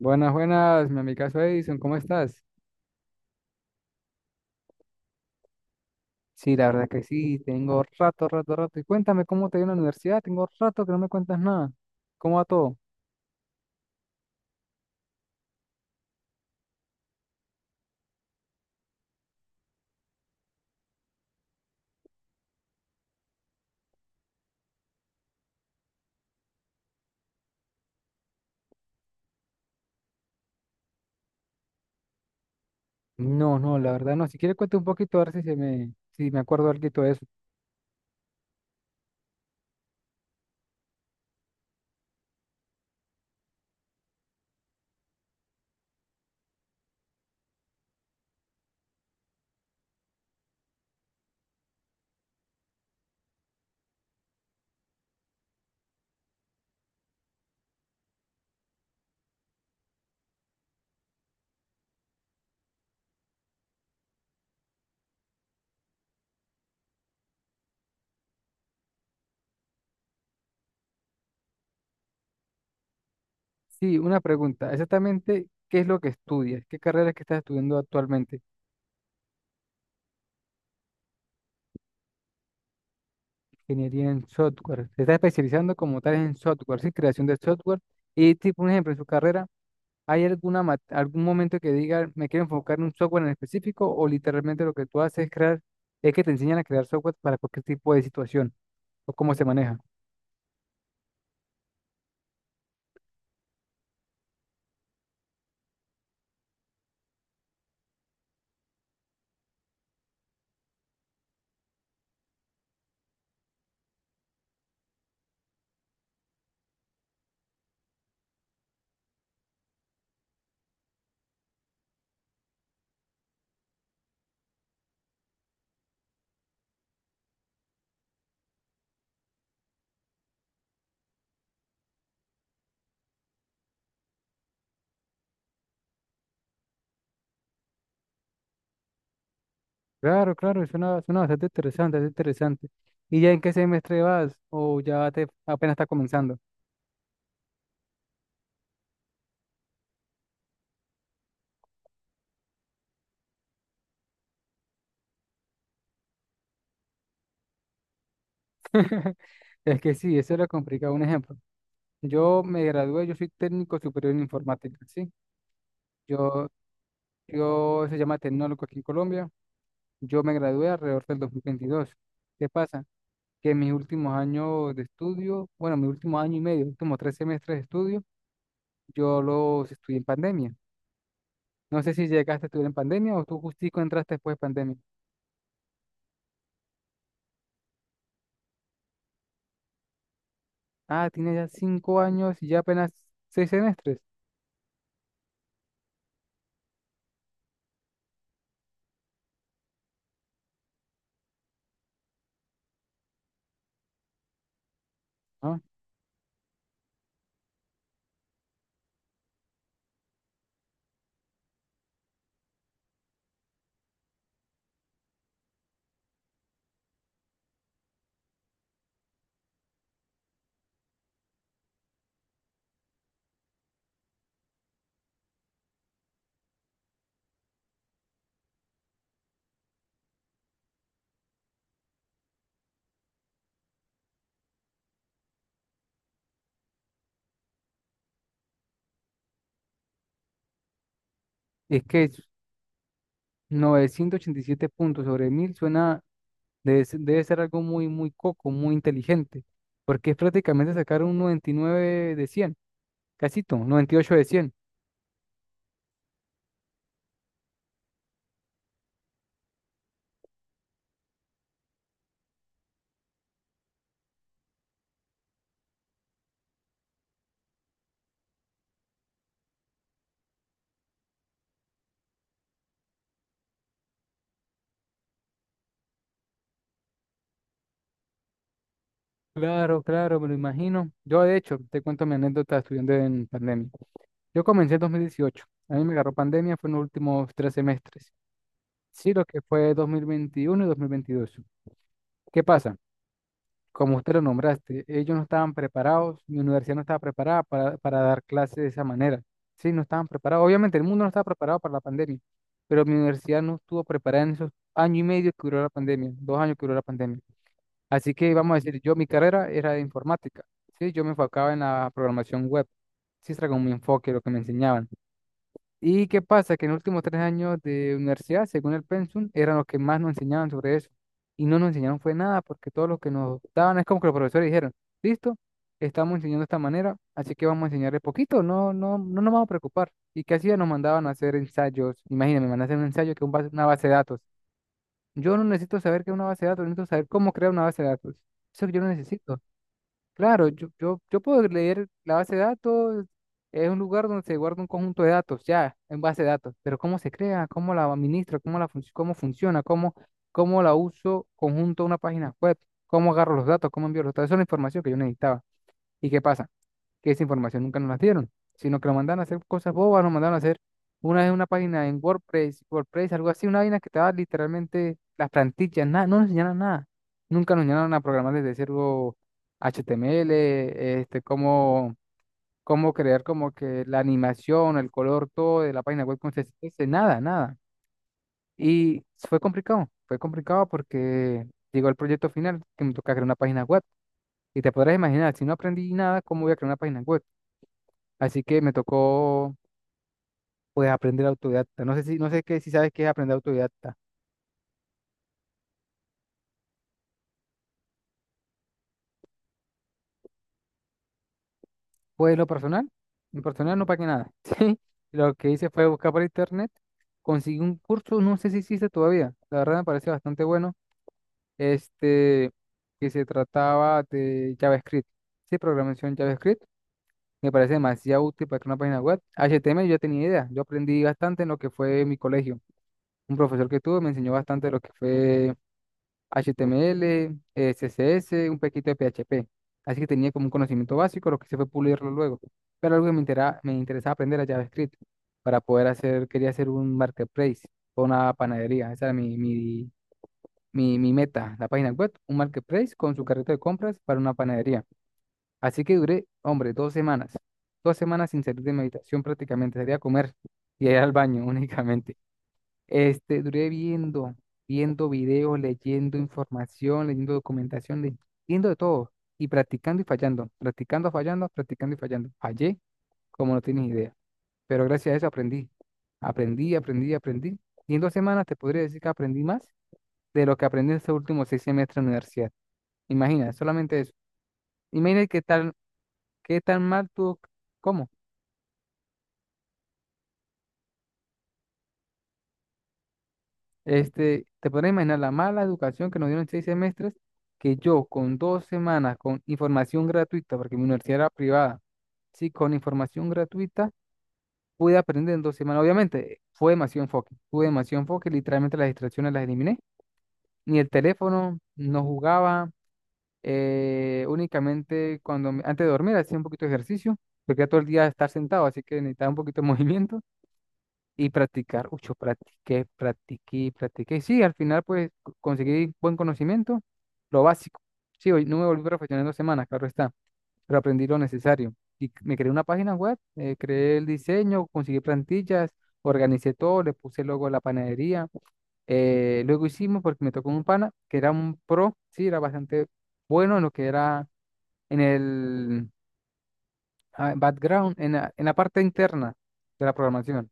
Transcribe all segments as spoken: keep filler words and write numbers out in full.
Buenas, buenas, mi amigazo Edison, ¿cómo estás? Sí, la verdad que sí, tengo rato, rato, rato. Y cuéntame cómo te dio en la universidad, tengo rato que no me cuentas nada. ¿Cómo va todo? No, no, la verdad no. Si quieres cuente un poquito, a ver si se me, si me acuerdo algo de eso. Sí, una pregunta. Exactamente, ¿qué es lo que estudias? ¿Qué carrera es que estás estudiando actualmente? Ingeniería en software. Se está especializando como tal en software, sí, creación de software. Y tipo, un ejemplo, en su carrera, ¿hay alguna, ma- algún momento que diga, me quiero enfocar en un software en específico o literalmente lo que tú haces es crear, es que te enseñan a crear software para cualquier tipo de situación o cómo se maneja? Claro, claro, suena, suena bastante interesante, bastante interesante. ¿Y ya en qué semestre vas o ya te apenas está comenzando? Es que sí, eso es lo complicado. Un ejemplo. Yo me gradué, yo soy técnico superior en informática, ¿sí? Yo Yo se llama tecnólogo aquí en Colombia. Yo me gradué alrededor del dos mil veintidós. ¿Qué pasa? Que en mis últimos años de estudio, bueno, mi último año y medio, últimos tres semestres de estudio, yo los estudié en pandemia. No sé si llegaste a estudiar en pandemia o tú justico entraste después de pandemia. Ah, tienes ya cinco años y ya apenas seis semestres. ¿No? Es que novecientos ochenta y siete puntos sobre mil suena, debe, ser- debe ser algo muy, muy coco, muy inteligente, porque es prácticamente sacar un noventa y nueve de cien, casito, noventa y ocho de cien. Claro, claro, me lo imagino. Yo, de hecho, te cuento mi anécdota estudiando en pandemia. Yo comencé en dos mil dieciocho. A mí me agarró pandemia, fue en los últimos tres semestres. Sí, lo que fue dos mil veintiuno y dos mil veintidós. ¿Qué pasa? Como usted lo nombraste, ellos no estaban preparados, mi universidad no estaba preparada para, para dar clases de esa manera. Sí, no estaban preparados. Obviamente, el mundo no estaba preparado para la pandemia, pero mi universidad no estuvo preparada en esos año y medio que duró la pandemia, dos años que duró la pandemia. Así que vamos a decir, yo mi carrera era de informática, sí, yo me enfocaba en la programación web, sí, era como mi enfoque, lo que me enseñaban. ¿Y qué pasa? Que en los últimos tres años de universidad, según el pensum, eran los que más nos enseñaban sobre eso. Y no nos enseñaron fue nada, porque todo lo que nos daban es como que los profesores dijeron, listo, estamos enseñando de esta manera, así que vamos a enseñarle poquito, no, no, no nos vamos a preocupar. ¿Y qué hacían? Nos mandaban a hacer ensayos. Imagínense, me mandan a hacer un ensayo que es un base- una base de datos. Yo no necesito saber qué es una base de datos, necesito saber cómo crear una base de datos. Eso yo no necesito. Claro, yo, yo, yo puedo leer la base de datos, es un lugar donde se guarda un conjunto de datos, ya, en base de datos, pero cómo se crea, cómo la administro, cómo la func- cómo funciona, cómo, cómo la uso conjunto a una página web, cómo agarro los datos, cómo envío los datos, esa es la información que yo necesitaba. ¿Y qué pasa? Que esa información nunca nos la dieron, sino que lo mandaron a hacer cosas bobas, nos mandaron a hacer una vez una página en WordPress, WordPress, algo así, una vaina que estaba literalmente las plantillas, nada, no nos enseñaron nada. Nunca nos enseñaron a programar desde cero H T M L, este, cómo, cómo crear como que la animación, el color, todo de la página web con C S S, nada, nada. Y fue complicado, fue complicado porque llegó el proyecto final que me toca crear una página web. Y te podrás imaginar, si no aprendí nada, ¿cómo voy a crear una página web? Así que me tocó pues aprender autodidacta. No sé si, no sé qué, si sabes qué es aprender autodidacta. Pues lo personal, en personal no pagué nada. Sí, lo que hice fue buscar por internet, conseguí un curso, no sé si existe todavía. La verdad me pareció bastante bueno. Este, que se trataba de JavaScript. Sí, programación JavaScript. Me parece demasiado útil para crear una página web. H T M L yo ya tenía idea. Yo aprendí bastante en lo que fue mi colegio. Un profesor que tuve me enseñó bastante lo que fue H T M L, eh, C S S, un poquito de P H P. Así que tenía como un conocimiento básico, lo que se fue pulirlo luego. Pero algo que me intera- me interesaba aprender era JavaScript para poder hacer, quería hacer un marketplace o una panadería. Esa era mi, mi, mi, mi meta, la página web, un marketplace con su carrito de compras para una panadería. Así que duré, hombre, dos semanas. Dos semanas sin salir de mi habitación prácticamente, sería comer y ir al baño únicamente. Este, duré viendo, viendo videos, leyendo información, leyendo documentación, leyendo de todo y practicando y fallando, practicando, fallando, practicando y fallando. Fallé como no tienes idea, pero gracias a eso aprendí, aprendí, aprendí, aprendí. Y en dos semanas te podría decir que aprendí más de lo que aprendí en estos últimos seis semestres de universidad. Imagina, solamente eso. Imagina qué tal, qué tan mal tuvo, ¿cómo? Este, te podrás imaginar la mala educación que nos dieron en seis semestres, que yo con dos semanas, con información gratuita, porque mi universidad era privada, sí, con información gratuita, pude aprender en dos semanas. Obviamente, fue demasiado enfoque, tuve demasiado enfoque, literalmente las distracciones las eliminé. Ni el teléfono, no jugaba, eh, únicamente cuando, me- antes de dormir hacía un poquito de ejercicio, porque era todo el día estar sentado, así que necesitaba un poquito de movimiento y practicar. Uy, yo practiqué, practiqué, practiqué. Sí, al final pues co- conseguí buen conocimiento, lo básico. Sí, hoy no me volví profesional en dos semanas, claro está, pero aprendí lo necesario. Y c- me creé una página web, eh, creé el diseño, conseguí plantillas, organicé todo, le puse el logo de la panadería. Eh, luego hicimos, porque me tocó un pana, que era un pro, sí, era bastante bueno en lo que era en el ah, background, en la, en la parte interna de la programación.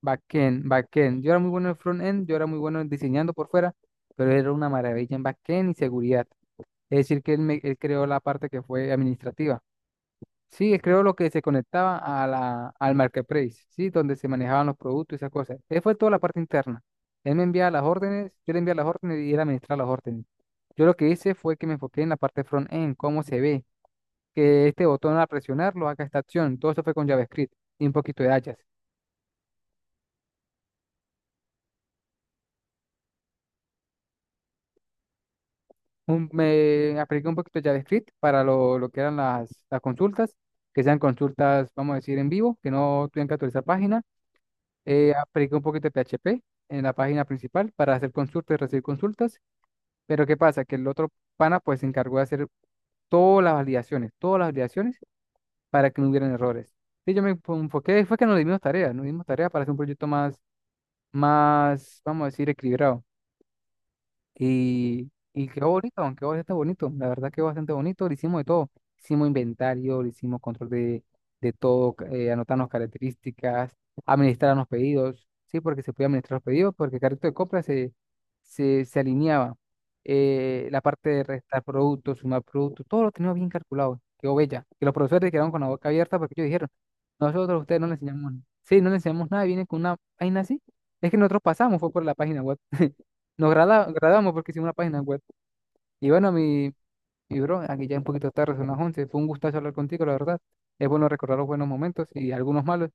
Backend, backend. Yo era muy bueno en frontend, yo era muy bueno en diseñando por fuera, pero era una maravilla en backend y seguridad. Es decir, que él, me, él creó la parte que fue administrativa. Sí, él creó lo que se conectaba a la, al marketplace, ¿sí? Donde se manejaban los productos y esas cosas. Él fue toda la parte interna. Él me enviaba las órdenes, yo le enviaba las órdenes y él administraba las órdenes. Yo lo que hice fue que me enfoqué en la parte front-end, cómo se ve, que este botón al presionarlo haga esta acción. Todo eso fue con JavaScript y un poquito de Ajax. un- me apliqué un poquito de JavaScript para lo, lo que eran las, las consultas, que sean consultas, vamos a decir, en vivo, que no tengan que actualizar página. Eh, apliqué un poquito de P H P en la página principal para hacer consultas y recibir consultas. Pero ¿qué pasa? Que el otro pana pues se encargó de hacer todas las validaciones, todas las validaciones para que no hubieran errores. Y yo me enfo- enfoqué, fue que nos dimos tareas, nos dimos tareas para hacer un proyecto más, más, vamos a decir, equilibrado. Y, y quedó bonito, aunque bastante bonito. La verdad quedó bastante bonito. Le hicimos de todo. Hicimos inventario, le hicimos control de, de todo, ca- eh, anotarnos características, administrar los pedidos. Sí, porque se podía administrar los pedidos, porque el carrito de compra se, se, se alineaba. Eh, la parte de restar productos, sumar productos, todo lo teníamos bien calculado. Quedó bella. Que los profesores quedaron con la boca abierta porque ellos dijeron, nosotros a ustedes no les enseñamos, sí, no les enseñamos nada, vienen con una vaina así. Es que nosotros pasamos, fue por la página web. Nos grada- grabamos porque hicimos una página web. Y bueno, mi, mi bro, aquí ya un poquito tarde, son las once. Fue un gustazo hablar contigo, la verdad. Es bueno recordar los buenos momentos y algunos malos,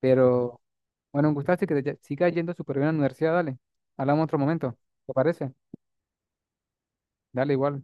pero bueno, un gustazo y que te ya- siga yendo súper bien a la universidad, dale. Hablamos otro momento, ¿te parece? Dale igual.